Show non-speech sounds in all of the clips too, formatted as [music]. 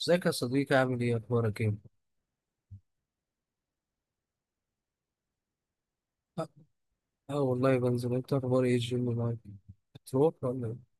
ازيك يا صديقي، عامل ايه، اخبارك ايه؟ اه. آه والله بنزل. انت اخبار ايه الجيم معاك؟ بتروح ولا ايه؟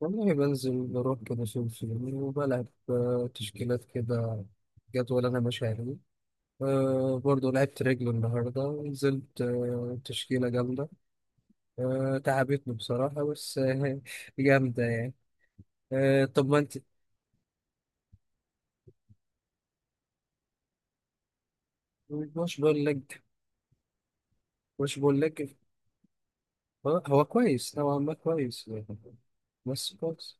والله بنزل، بروح كده فين فين وبلعب، تشكيلات كده. جدول انا ماشي عليه. برضه لعبت رجل النهارده ونزلت تشكيلة جامدة. تعبتني بصراحة بس [laughs] جامدة يعني. طب ما انت، مش بقول لك، مش بقول لك. هو هو كويس نوعا ما، كويس، بس كويس.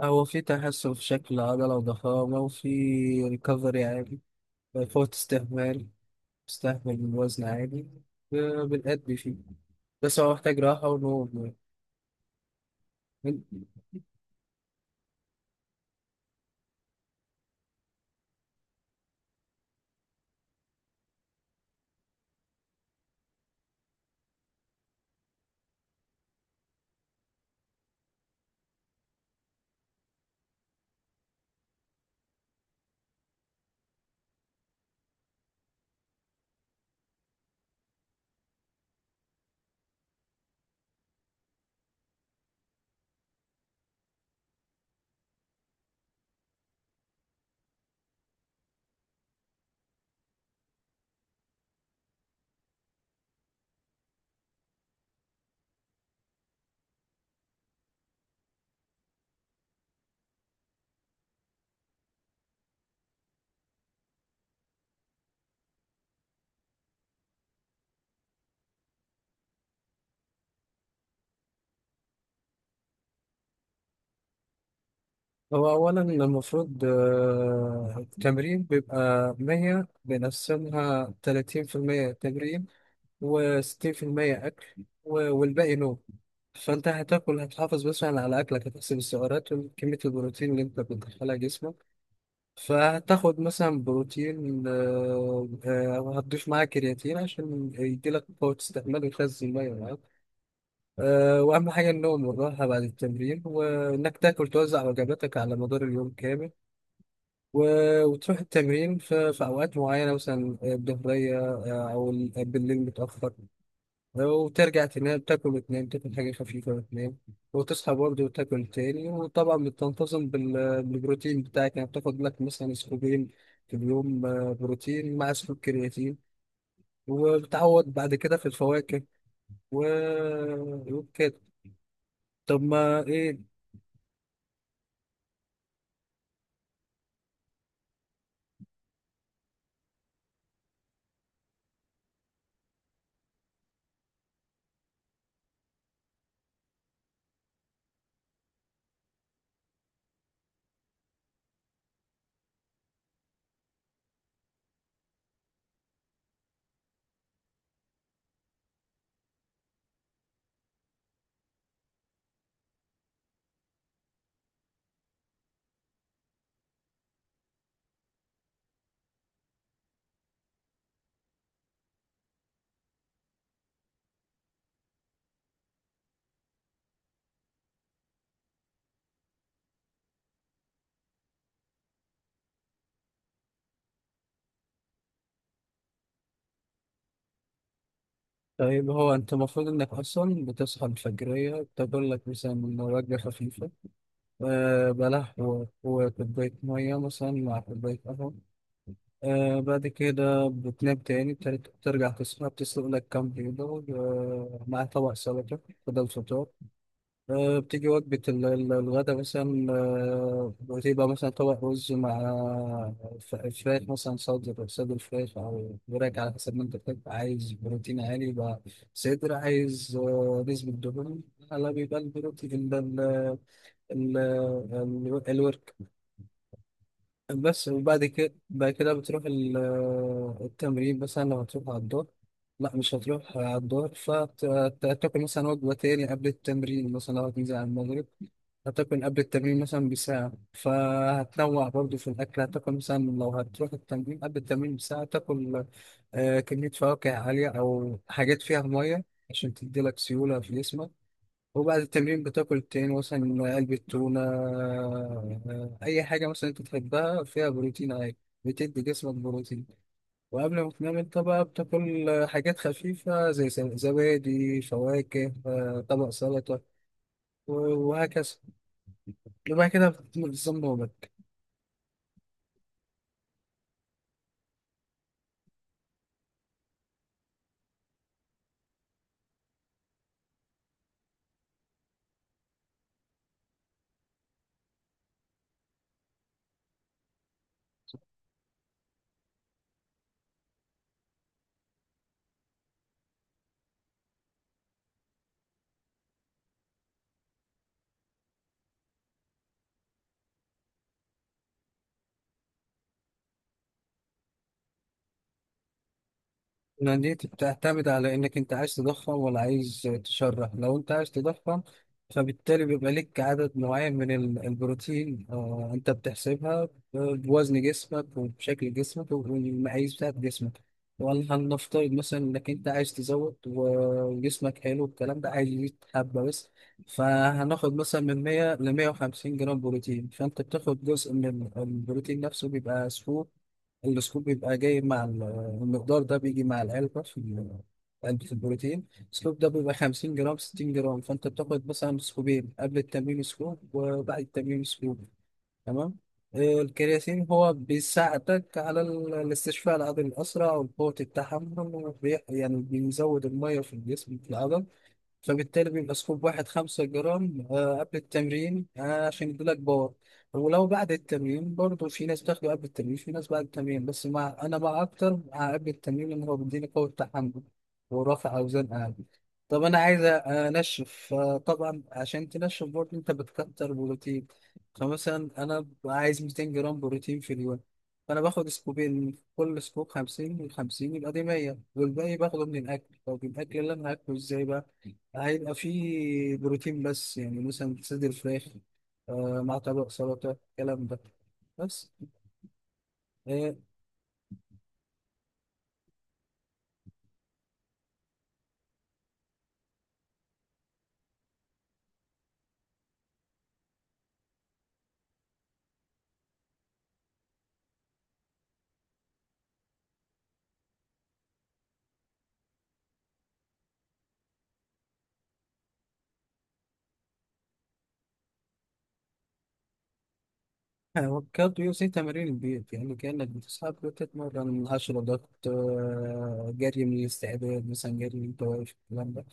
هو في تحسن في شكل العضلة وضخامة، وفي ريكفري عادي. فوت استهمال استهمل الوزن عادي. بنأدي فيه، بس هو محتاج راحة ونوم يعني. هو أولا المفروض، التمرين بيبقى 100، بنقسمها 30% تمرين، و60% أكل، و- والباقي نوم. فأنت هتاكل، هتحافظ مثلا على أكلك، هتحسب السعرات وكمية البروتين اللي أنت بتدخلها جسمك. فهتاخد مثلا بروتين، هتضيف معاه كرياتين عشان يديلك قوة استحمال ويخزن المية معاك. وأهم حاجة النوم والراحة بعد التمرين، وإنك تاكل، توزع وجباتك على مدار اليوم كامل. و- وتروح التمرين في أوقات معينة، مثلا الظهرية، أو بالليل متأخر، وترجع تنام. تاكل وتنام، تاكل حاجة خفيفة وتنام، وتصحى برضه وتاكل تاني. وطبعا بتنتظم بال- بالبروتين بتاعك، يعني بتاخد لك مثلا سكوبين في اليوم، بروتين مع سكوب كرياتين، وبتعوض بعد كده في الفواكه و... وكده. طب ما ايه؟ طيب هو انت المفروض انك اصلا بتصحى الفجرية تاكل لك مثلا وجبة خفيفة، بلح و- وكوباية مية مثلا مع كوباية قهوة. بعد كده بتنام تاني، بترجع تصحى، بتسلق لك كام بيضة مع طبق سلطة بدل فطار. بتيجي وجبة الغدا، مثلا بتبقى مثلا طبق رز مع فراخ، مثلا صدر فراخ أو وراك على حسب ما أنت بتحب. عايز بروتين عالي يبقى صدر، عايز نسبة دهون على، بيبقى البروتين ده الورك بس. وبعد كده بعد كده بتروح التمرين، مثلا لو هتروح على الدور. لا، مش هتروح على الدور، فتاكل مثلا وجبة تاني قبل التمرين، مثلا لو هتنزل على المغرب هتاكل قبل التمرين مثلا بساعة. فهتنوع برضو في الأكل. هتاكل مثلا، لو هتروح التمرين قبل التمرين بساعة تاكل كمية فواكه عالية أو حاجات فيها مية، عشان تديلك سيولة في جسمك. وبعد التمرين بتاكل تاني، مثلا علبة تونة، أي حاجة مثلا أنت تحبها فيها بروتين عادي، بتدي جسمك بروتين. وقبل ما تنام أنت بقى بتاكل حاجات خفيفة، زي زبادي فواكه، طبق سلطة و- وهكذا. يبقى كده بتنظم نومك. إن دي بتعتمد على انك انت عايز تضخم ولا عايز تشرح. لو انت عايز تضخم فبالتالي بيبقى لك عدد معين من البروتين، انت بتحسبها بوزن جسمك وبشكل جسمك والمقاييس بتاعت جسمك. ولا هنفترض مثلا انك انت عايز تزود وجسمك حلو الكلام ده، عايز يزيد حبة بس، فهناخد مثلا من 100 ل 150 جرام بروتين. فانت بتاخد جزء من البروتين نفسه بيبقى سكوب. السكوب بيبقى جاي مع المقدار ده، بيجي مع العلبة في علبة البروتين. السكوب ده بيبقى 50 جرام، 60 جرام. فأنت بتاخد مثلا سكوبين قبل التمرين، سكوب وبعد التمرين سكوب. تمام. الكرياتين هو بيساعدك على الاستشفاء العضلي الأسرع والقوة التحمل، وبي- يعني بيزود المية في الجسم في العضل. فبالتالي بيبقى سكوب واحد 5 جرام قبل التمرين، عشان يديلك باور. ولو بعد التمرين برضه في ناس بتاخده قبل التمرين، في ناس بعد التمرين، بس مع أنا مع أكتر مع قبل التمرين، لأن هو بيديني قوة تحمل ورفع أوزان أعلى. طب أنا عايز أنشف. طبعا عشان تنشف برضه أنت بتكتر بروتين. فمثلا أنا ببقى عايز 200 جرام بروتين في اليوم. فأنا باخد سكوبين، كل سكوب 50، من 50 يبقى دي 100، والباقي باخده من الأكل. طب الأكل اللي أنا هاكله إزاي بقى؟ هيبقى فيه بروتين بس، يعني مثلا صدر فراخ مع طبق سلطة الكلام ده بس. آه وكالوري زي تمارين البيت، يعني كأنك بتصحى بتتمرن 10 ضغط، جري من الاستعداد مثلا، جري من التوافق الكلام ده.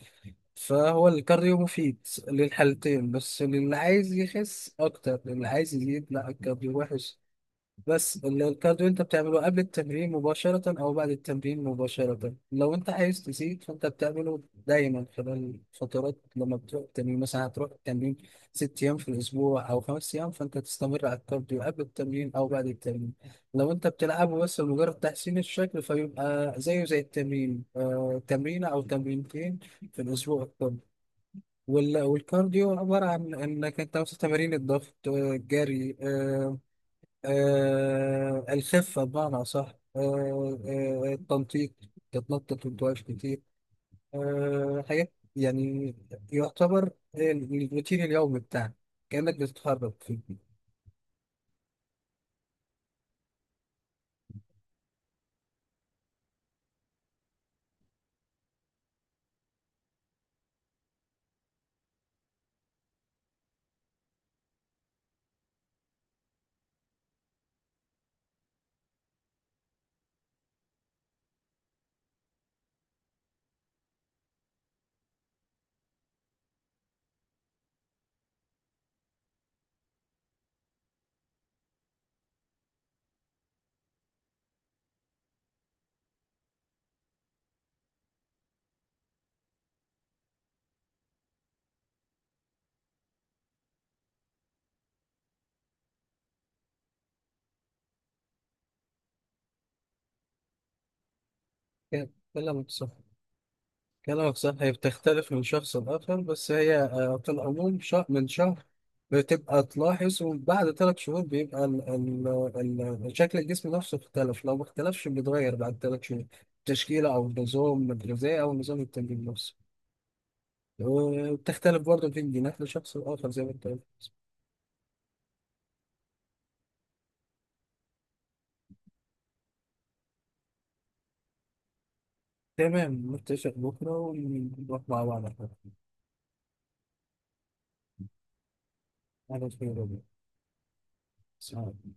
فهو الكارديو مفيد للحالتين، بس للي عايز يخس أكتر، للي عايز يزيد لا، الكارديو وحش. بس الكارديو انت بتعمله قبل التمرين مباشرة او بعد التمرين مباشرة. لو انت عايز تزيد فانت بتعمله دايما خلال فترات، لما بتروح التمرين مثلا، هتروح التمرين 6 ايام في الاسبوع او 5 ايام، فانت تستمر على الكارديو قبل التمرين او بعد التمرين. لو انت بتلعبه بس لمجرد تحسين الشكل، فيبقى زيه زي التمرين، تمرينة او تمرينتين في الاسبوع الكل. وال- والكارديو عبارة عن انك انت مثلا تمارين الضغط، الجري، الخفة بمعنى أصح، التنطيط، تتنطط وتواش كتير، حاجات يعني. يعتبر الروتين اليومي بتاعك كأنك بتتحرك فيه. كلامك صح، كلامك صح. هي بتختلف من شخص لآخر، بس هي في العموم شهر من شهر بتبقى تلاحظ، وبعد 3 شهور بيبقى ال شكل الجسم نفسه اختلف. لو ما اختلفش بيتغير بعد 3 شهور تشكيلة أو النظام الغذائي أو نظام التمرين نفسه. وبتختلف برضه في الجينات لشخص لآخر زي ما أنت قلت. تمام، نتفق بكرة ونروح مع بعض على القهوة. على خير يا رب.